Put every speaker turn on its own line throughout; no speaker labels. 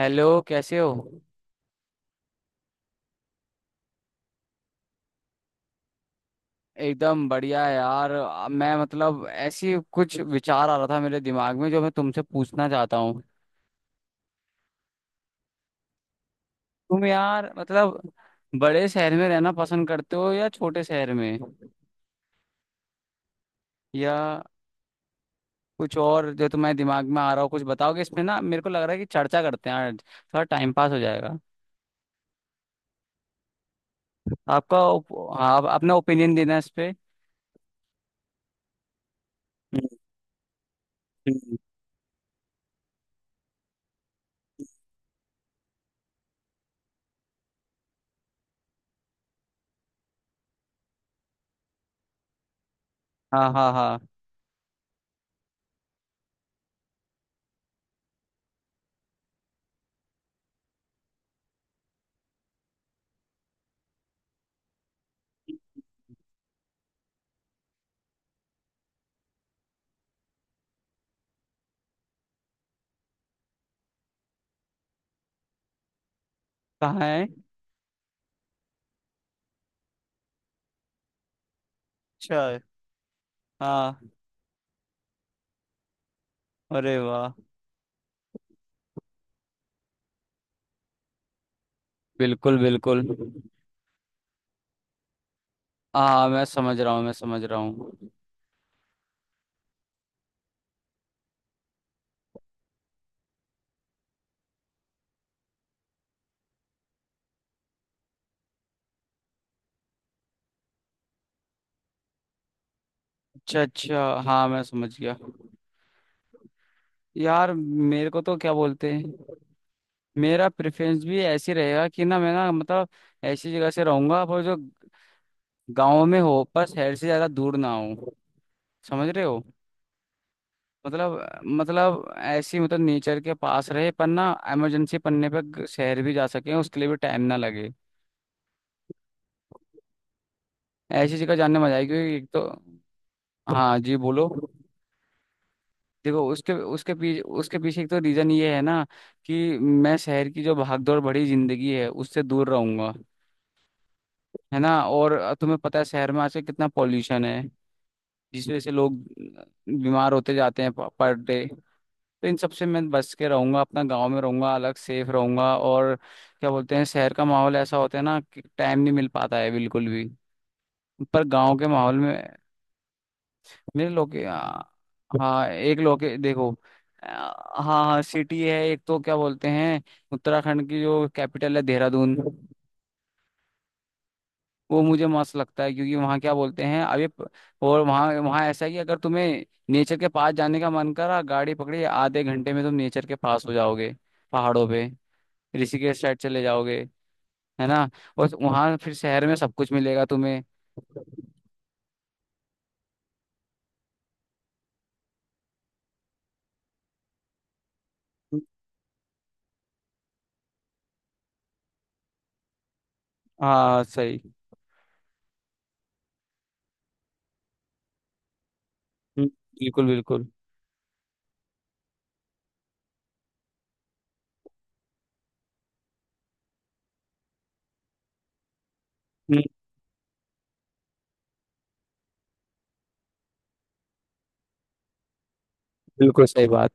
Hello, कैसे हो? एकदम बढ़िया यार। मैं, मतलब, ऐसी कुछ विचार आ रहा था मेरे दिमाग में जो मैं तुमसे पूछना चाहता हूँ। तुम, यार, मतलब बड़े शहर में रहना पसंद करते हो या छोटे शहर में, या कुछ और जो तुम्हारे दिमाग में आ रहा हो कुछ बताओगे इसमें ना? मेरे को लग रहा है कि चर्चा करते हैं आज, थोड़ा टाइम पास हो जाएगा। हाँ, आप अपना ओपिनियन देना इस पे। हम्म, हम्म, हाँ हाँ हाँ। कहाँ है? अच्छा है। हाँ। अरे वाह। बिल्कुल बिल्कुल। हाँ, मैं समझ रहा हूँ, मैं समझ रहा हूँ। अच्छा अच्छा, हाँ, मैं समझ गया। यार, मेरे को तो क्या बोलते हैं, मेरा प्रेफरेंस भी ऐसे रहेगा कि ना, मैं, ना, मतलब ऐसी जगह से रहूंगा पर जो गांव में हो पर शहर से ज्यादा दूर ना हो। समझ रहे हो? मतलब, ऐसी, मतलब, नेचर के पास रहे पर ना, इमरजेंसी पड़ने पर शहर भी जा सके, उसके लिए भी टाइम ना लगे। ऐसी जगह जाने में मजा आएगी, क्योंकि एक तो, हाँ जी बोलो। देखो, उसके उसके पीछे एक तो रीजन ये है ना, कि मैं शहर की जो भागदौड़ भरी जिंदगी है उससे दूर रहूंगा। है ना? और तुम्हें पता है शहर में आजकल कितना पॉल्यूशन है, जिस वजह से लोग बीमार होते जाते हैं पर डे। तो इन सबसे मैं बच के रहूंगा, अपना गांव में रहूंगा, अलग सेफ रहूंगा और क्या बोलते हैं, शहर का माहौल ऐसा होता है ना कि टाइम नहीं मिल पाता है बिल्कुल भी, पर गांव के माहौल में। मेरे लोके, हाँ, एक लोके, देखो, आ, हाँ हाँ, सिटी है एक तो, क्या बोलते हैं, उत्तराखंड की जो कैपिटल है, देहरादून। वो मुझे मस्त लगता है, क्योंकि वहाँ, क्या बोलते हैं, और वहाँ वहाँ ऐसा है कि अगर तुम्हें नेचर के पास जाने का मन करा, गाड़ी पकड़ी, आधे घंटे में तुम नेचर के पास हो जाओगे, पहाड़ों पे, ऋषिकेश साइड चले जाओगे। है ना? और वहाँ फिर शहर में सब कुछ मिलेगा तुम्हें। हाँ, सही। हम्म, बिल्कुल बिल्कुल। हम्म, बिल्कुल सही बात।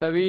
तभी,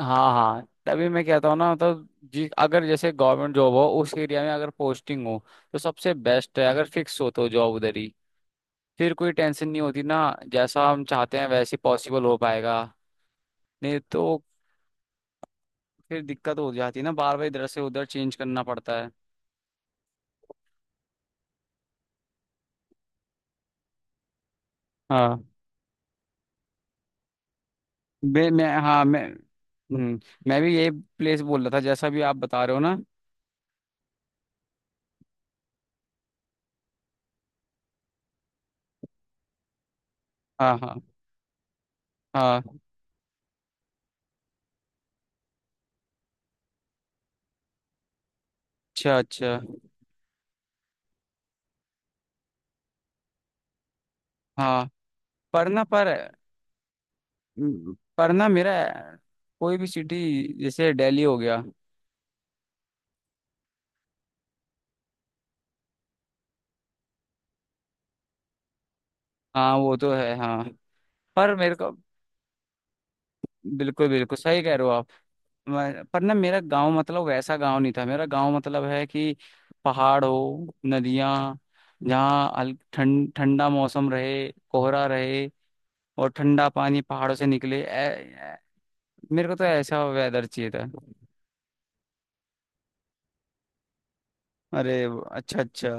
हाँ हाँ, तभी मैं कहता हूँ ना, मतलब, जी, अगर जैसे गवर्नमेंट जॉब हो उस एरिया में, अगर पोस्टिंग हो तो सबसे बेस्ट है, अगर फिक्स हो तो जॉब उधर ही, फिर कोई टेंशन नहीं होती ना। जैसा हम चाहते हैं वैसे पॉसिबल हो पाएगा, नहीं तो फिर दिक्कत हो जाती है ना, बार बार इधर से उधर चेंज करना पड़ता है। हाँ। मैं, हाँ, मैं, हम्म, मैं भी यही प्लेस बोल रहा था जैसा भी आप बता रहे हो ना। हाँ हाँ हाँ। अच्छा अच्छा, हाँ। पर ना, पर, पर ना मेरा, कोई भी सिटी, जैसे दिल्ली हो गया। हाँ, वो तो है। हाँ, पर मेरे को, बिल्कुल बिल्कुल सही कह रहे हो आप। पर ना, मेरा गांव मतलब वैसा गांव नहीं था, मेरा गांव मतलब है कि पहाड़ हो, नदियां, जहाँ ठंड, ठंडा मौसम रहे, कोहरा रहे, और ठंडा पानी पहाड़ों से निकले। ऐ- मेरे को तो ऐसा वेदर चाहिए था। अरे, अच्छा अच्छा,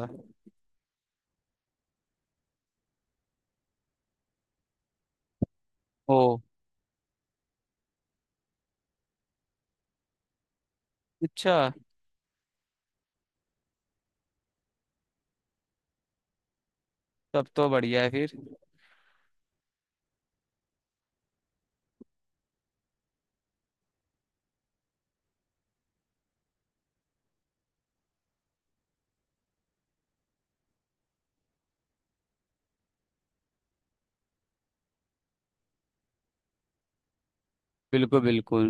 ओ, अच्छा, तब तो बढ़िया है फिर। बिल्कुल बिल्कुल।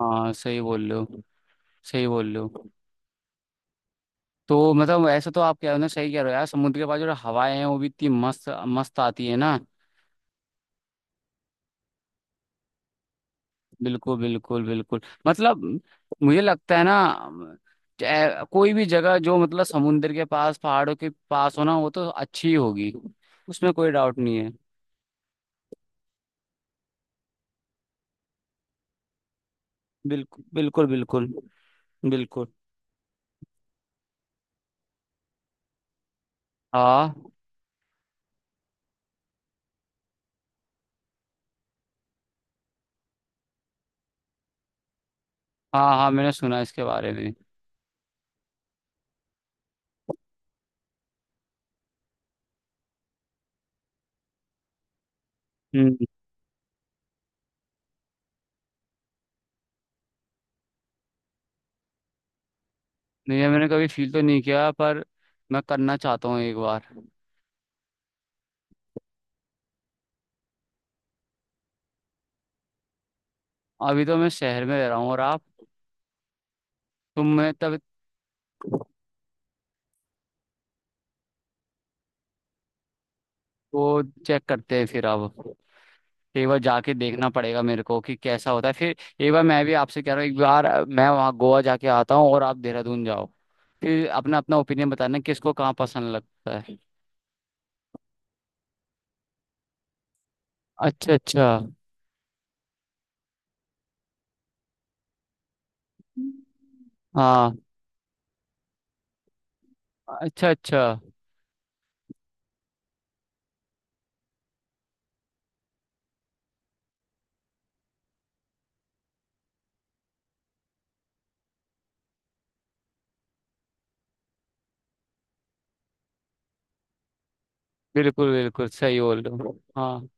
हाँ, सही बोल रहे हो, सही बोल रहे हो। तो मतलब ऐसा तो आप कह रहे हो ना, सही कह रहे हो यार, समुद्र के पास जो हवाएं हैं वो भी इतनी मस्त मस्त आती है ना। बिल्कुल बिल्कुल बिल्कुल। मतलब, मुझे लगता है ना, कोई भी जगह जो मतलब समुद्र के पास, पहाड़ों के पास हो ना, वो तो अच्छी ही होगी, उसमें कोई डाउट नहीं है। बिल्कुल बिल्कुल बिल्कुल बिल्कुल। हाँ हाँ हाँ, मैंने सुना इसके बारे में। हम्म। नहीं यार, मैंने कभी फील तो नहीं किया, पर मैं करना चाहता हूँ एक बार। अभी तो मैं शहर में रह रहा हूँ, और आप? तुम, मैं, तब, वो चेक करते हैं फिर अब, एक बार जाके देखना पड़ेगा मेरे को कि कैसा होता है फिर। एक बार मैं भी आपसे कह रहा हूँ, एक बार मैं वहाँ गोवा जाके आता हूँ और आप देहरादून जाओ, फिर अपना अपना ओपिनियन बताना किसको कहाँ पसंद लगता है। अच्छा अच्छा, हाँ। अच्छा अच्छा। बिल्कुल बिल्कुल, सही बोल रहे हो, हाँ।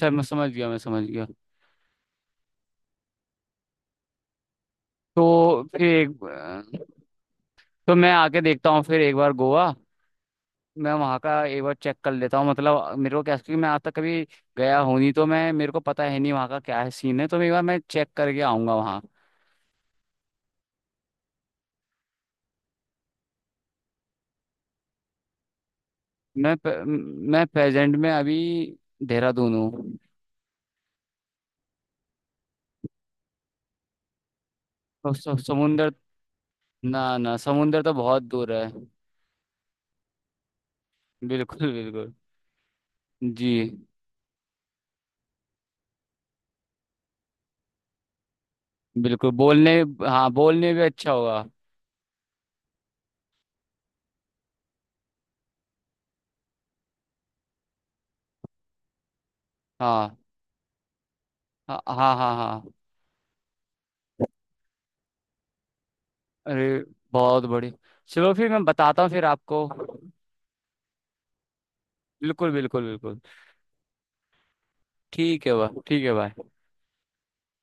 सर, मैं समझ गया, मैं समझ गया। तो फिर एक, तो मैं आके देखता हूँ फिर एक बार गोवा, मैं वहाँ का एक बार चेक कर लेता हूँ, मतलब मेरे को क्या, क्योंकि मैं आज तक कभी गया हूँ नहीं तो, मैं, मेरे को पता है नहीं वहाँ का क्या है, सीन है, तो मैं एक बार, मैं चेक करके आऊँगा वहाँ। मैं प्रेजेंट में अभी देहरादून हूँ। तो समुंदर, ना ना, समुंदर तो बहुत दूर है। बिल्कुल बिल्कुल। जी, बिल्कुल बोलने, हाँ, बोलने भी अच्छा होगा। हाँ हाँ हाँ हाँ हाँ। अरे, बहुत बढ़िया। चलो फिर मैं बताता हूँ फिर आपको, बिल्कुल बिल्कुल बिल्कुल। ठीक है भाई, ठीक है भाई।